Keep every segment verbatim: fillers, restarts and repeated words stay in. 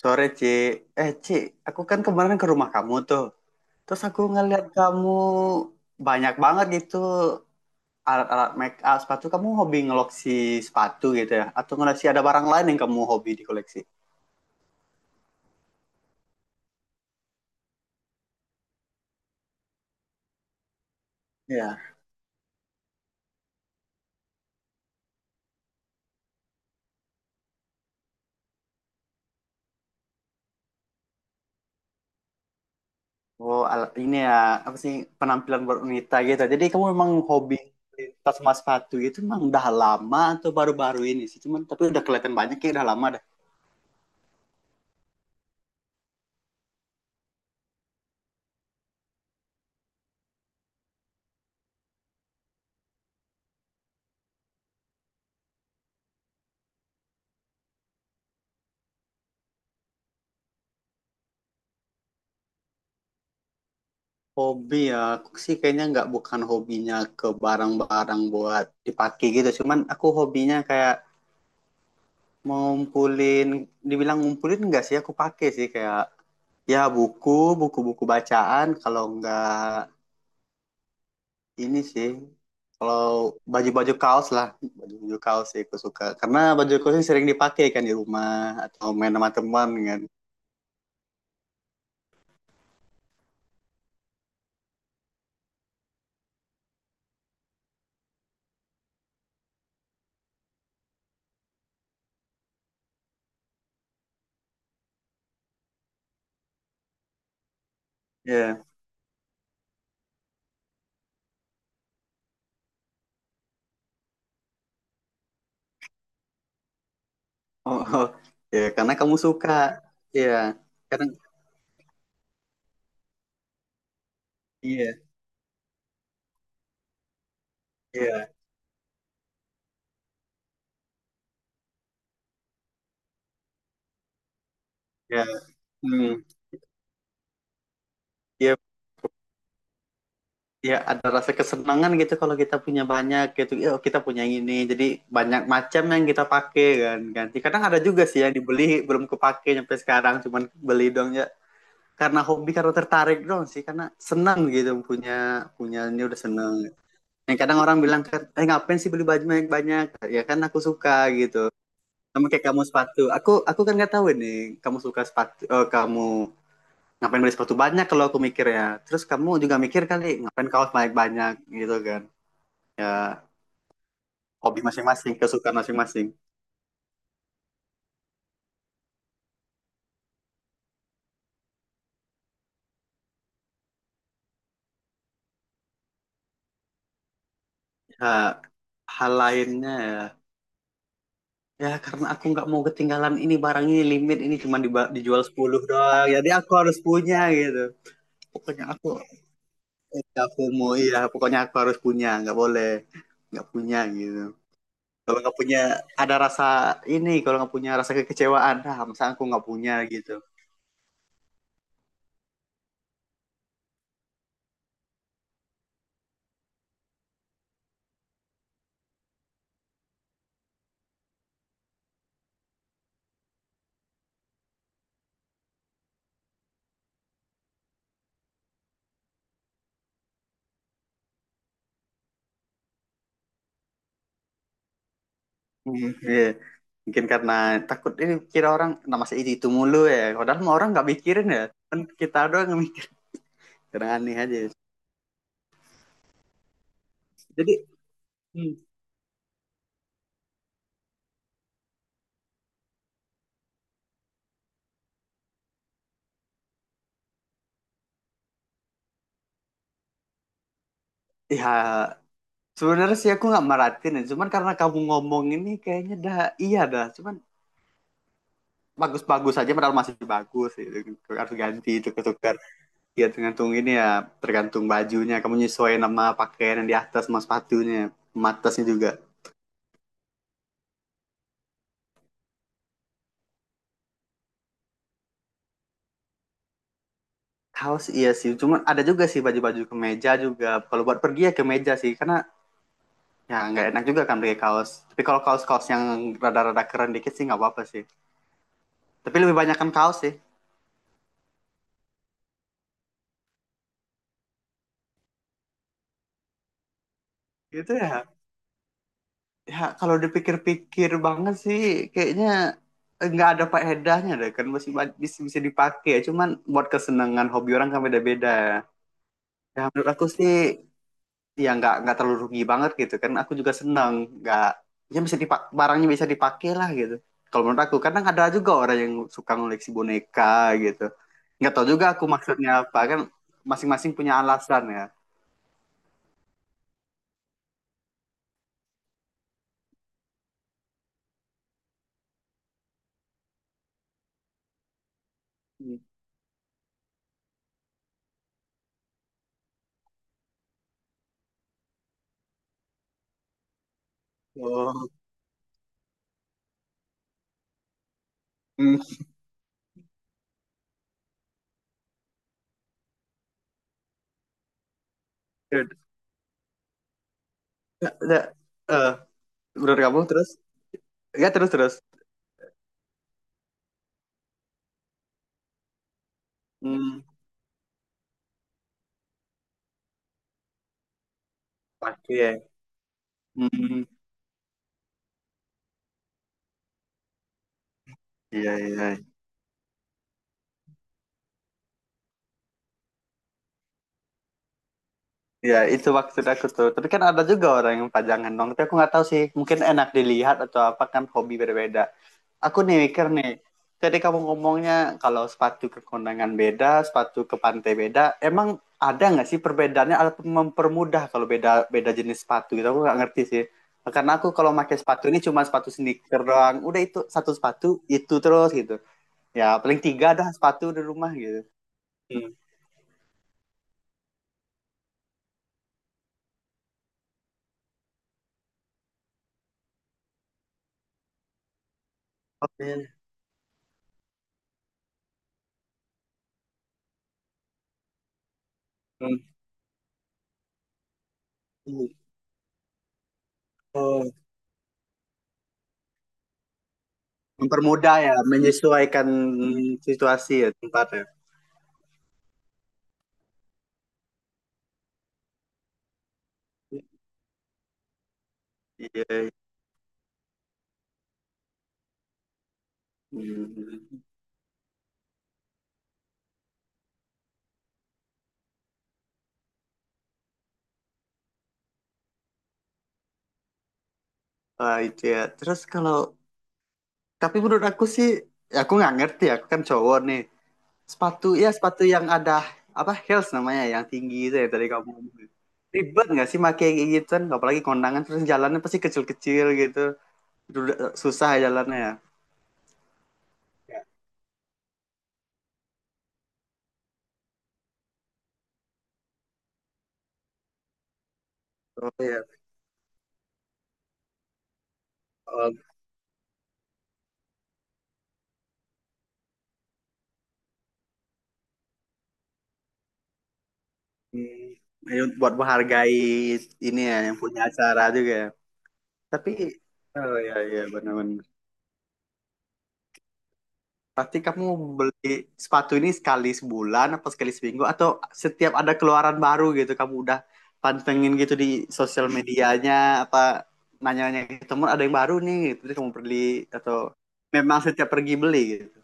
Sore, Ci. Eh, Ci, aku kan kemarin ke rumah kamu tuh. Terus aku ngeliat kamu banyak banget gitu alat-alat make up sepatu. Kamu hobi ngeloksi sepatu gitu ya? Atau ngeloksi ada barang lain yang kamu hobi di koleksi? Iya. Oh, ala- ini ya, apa sih, penampilan berunita gitu. Jadi kamu memang hobi tas sama sepatu gitu memang udah lama atau baru-baru ini sih? Cuman, tapi udah kelihatan banyak ya, udah lama dah. Hobi ya, aku sih kayaknya nggak bukan hobinya ke barang-barang buat dipakai gitu. Cuman aku hobinya kayak ngumpulin, dibilang ngumpulin nggak sih aku pakai sih kayak ya buku, buku-buku bacaan. Kalau nggak ini sih, kalau baju-baju kaos lah, baju-baju kaos sih aku suka. Karena baju kaos ini sering dipakai kan di rumah atau main sama teman kan. Iya. Oh, oh. Ya, karena kamu suka. Iya, karena iya, iya, iya. Hmm. Iya ya ada rasa kesenangan gitu kalau kita punya banyak gitu ya, kita punya ini jadi banyak macam yang kita pakai kan ganti. Kadang ada juga sih yang dibeli belum kepake sampai sekarang, cuman beli doang ya karena hobi, karena tertarik doang sih, karena senang gitu punya punya ini udah seneng. Yang kadang orang bilang kan, eh, ngapain sih beli baju banyak banyak. Ya kan aku suka gitu. Sama kayak kamu sepatu, aku aku kan nggak tahu nih kamu suka sepatu. Oh, kamu ngapain beli sepatu banyak, kalau aku mikir ya. Terus kamu juga mikir kali, ngapain kaos banyak banyak gitu kan. Ya, hobi masing-masing, kesukaan masing-masing. Ya, hal lainnya ya, ya karena aku nggak mau ketinggalan. Ini barang ini limit, ini cuma diba- dijual sepuluh doang, jadi aku harus punya gitu. Pokoknya aku eh, aku mau ya, pokoknya aku harus punya, nggak boleh nggak punya gitu. Kalau nggak punya ada rasa ini, kalau nggak punya rasa kekecewaan, ah, masa aku nggak punya gitu. Hmm, iya. Mungkin karena takut ini, kira orang, nah masa itu itu mulu ya, padahal mah orang nggak mikirin ya, kan kita doang yang kadang aneh aja. Jadi, hmm, ya, sebenarnya sih aku nggak meratin ya, cuman karena kamu ngomong ini kayaknya dah. Iya dah, cuman bagus-bagus aja padahal masih bagus gitu. Harus ganti itu, ketukar. Ya tergantung ini ya, tergantung bajunya, kamu nyesuaiin sama pakaian yang di atas sama sepatunya, sama atasnya juga. Kaos iya sih, cuman ada juga sih baju-baju kemeja juga. Kalau buat pergi ya kemeja sih, karena ya nggak enak juga kan pakai kaos. Tapi kalau kaos-kaos yang rada-rada keren dikit sih nggak apa-apa sih, tapi lebih banyak kan kaos sih. Gitu ya. Ya, kalau dipikir-pikir banget sih, kayaknya nggak ada faedahnya deh, kan masih bisa bisa dipakai, cuman buat kesenangan, hobi orang kan beda-beda. Ya menurut aku sih ya, nggak nggak terlalu rugi banget gitu kan, aku juga senang. Nggak, ya bisa dipak, barangnya bisa dipakai lah gitu. Kalau menurut aku, kadang ada juga orang yang suka ngoleksi boneka gitu, nggak tahu juga aku maksudnya apa kan. Masing-masing punya alasan ya. Oh. Hmm. Ya, ya, eh, menurut kamu terus, ya, terus terus Hmm. Pagi ya. Hmm, iya iya. Iya, itu maksud aku tuh. Tapi kan ada juga orang yang pajangan dong. Tapi aku nggak tahu sih. Mungkin enak dilihat atau apa, kan hobi berbeda. Aku nih mikir nih. Jadi kamu ngomongnya kalau sepatu ke kondangan beda, sepatu ke pantai beda. Emang ada nggak sih perbedaannya? Atau mempermudah kalau beda beda jenis sepatu gitu? Aku nggak ngerti sih. Karena aku kalau pakai sepatu ini cuma sepatu sneaker doang. Udah, itu satu sepatu itu terus gitu. Ya paling tiga dah sepatu di rumah gitu. Hmm. Oke. Hmm. Oh, mempermudah ya, menyesuaikan situasi ya tempatnya. Iya. Hmm. Wah, itu ya. Terus kalau, tapi menurut aku sih ya, aku nggak ngerti ya, aku kan cowok nih. Sepatu ya sepatu yang ada apa, heels namanya, yang tinggi itu ya, tadi kamu ngomong. Ribet nggak sih pakai kayak gituan, apalagi kondangan terus jalannya pasti kecil-kecil gitu. Udah- Susah ya jalannya ya. Oh ya. Oh. Hmm. Ini buat menghargai ini ya, yang punya acara juga ya. Tapi oh ya ya, benar-benar. Pasti kamu beli sepatu ini sekali sebulan apa sekali seminggu, atau setiap ada keluaran baru gitu kamu udah pantengin gitu di sosial medianya, apa nanya-nanya ke teman ada yang baru nih gitu terus kamu beli, atau memang setiap pergi beli gitu.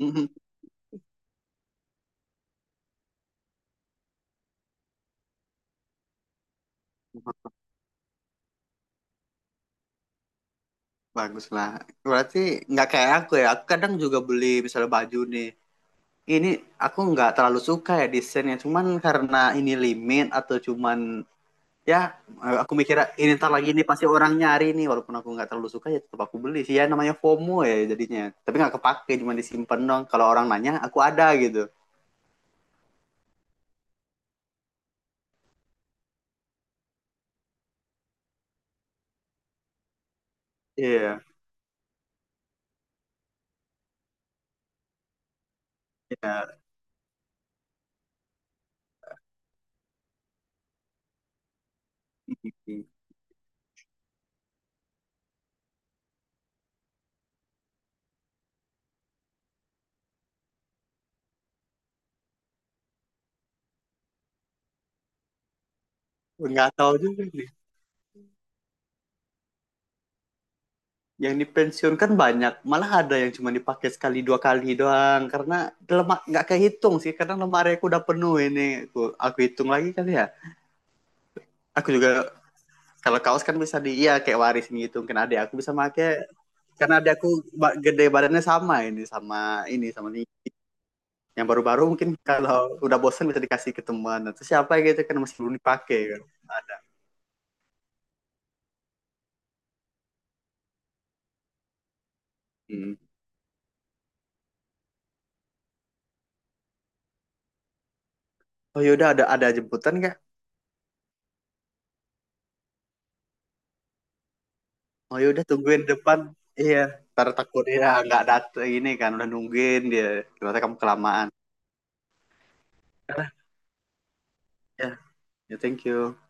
Mhm. Bagus lah. Berarti nggak kayak aku ya. Aku kadang juga beli misalnya baju nih. Ini aku nggak terlalu suka ya desainnya, cuman karena ini limit, atau cuman ya, eh, aku mikir ini ntar lagi ini pasti orang nyari nih, walaupun aku nggak terlalu suka ya tetap aku beli sih, ya namanya FOMO ya jadinya, tapi nggak kepake, cuma disimpan. Dong kalau orang nanya aku ada gitu. Iya iya. Nggak tahu juga nih, yang dipensiunkan banyak, malah ada yang cuma dipakai sekali dua kali doang karena lemak nggak kehitung sih, karena lemari aku udah penuh ini. Aku aku hitung lagi kali ya. Aku juga kalau kaos kan bisa di, iya, kayak warisin gitu kan, adik aku bisa pakai. Karena ada aku gede badannya sama ini, sama ini, sama ini. Yang baru-baru mungkin kalau udah bosan bisa dikasih ke teman atau siapa gitu kan, masih belum dipakai kan. Hmm. Oh yaudah, ada ada jemputan nggak? Oh yaudah, tungguin depan. Iya, ntar takut ya nggak datang, ini kan udah nungguin dia, ternyata kamu kelamaan. Ya. Ya, thank you.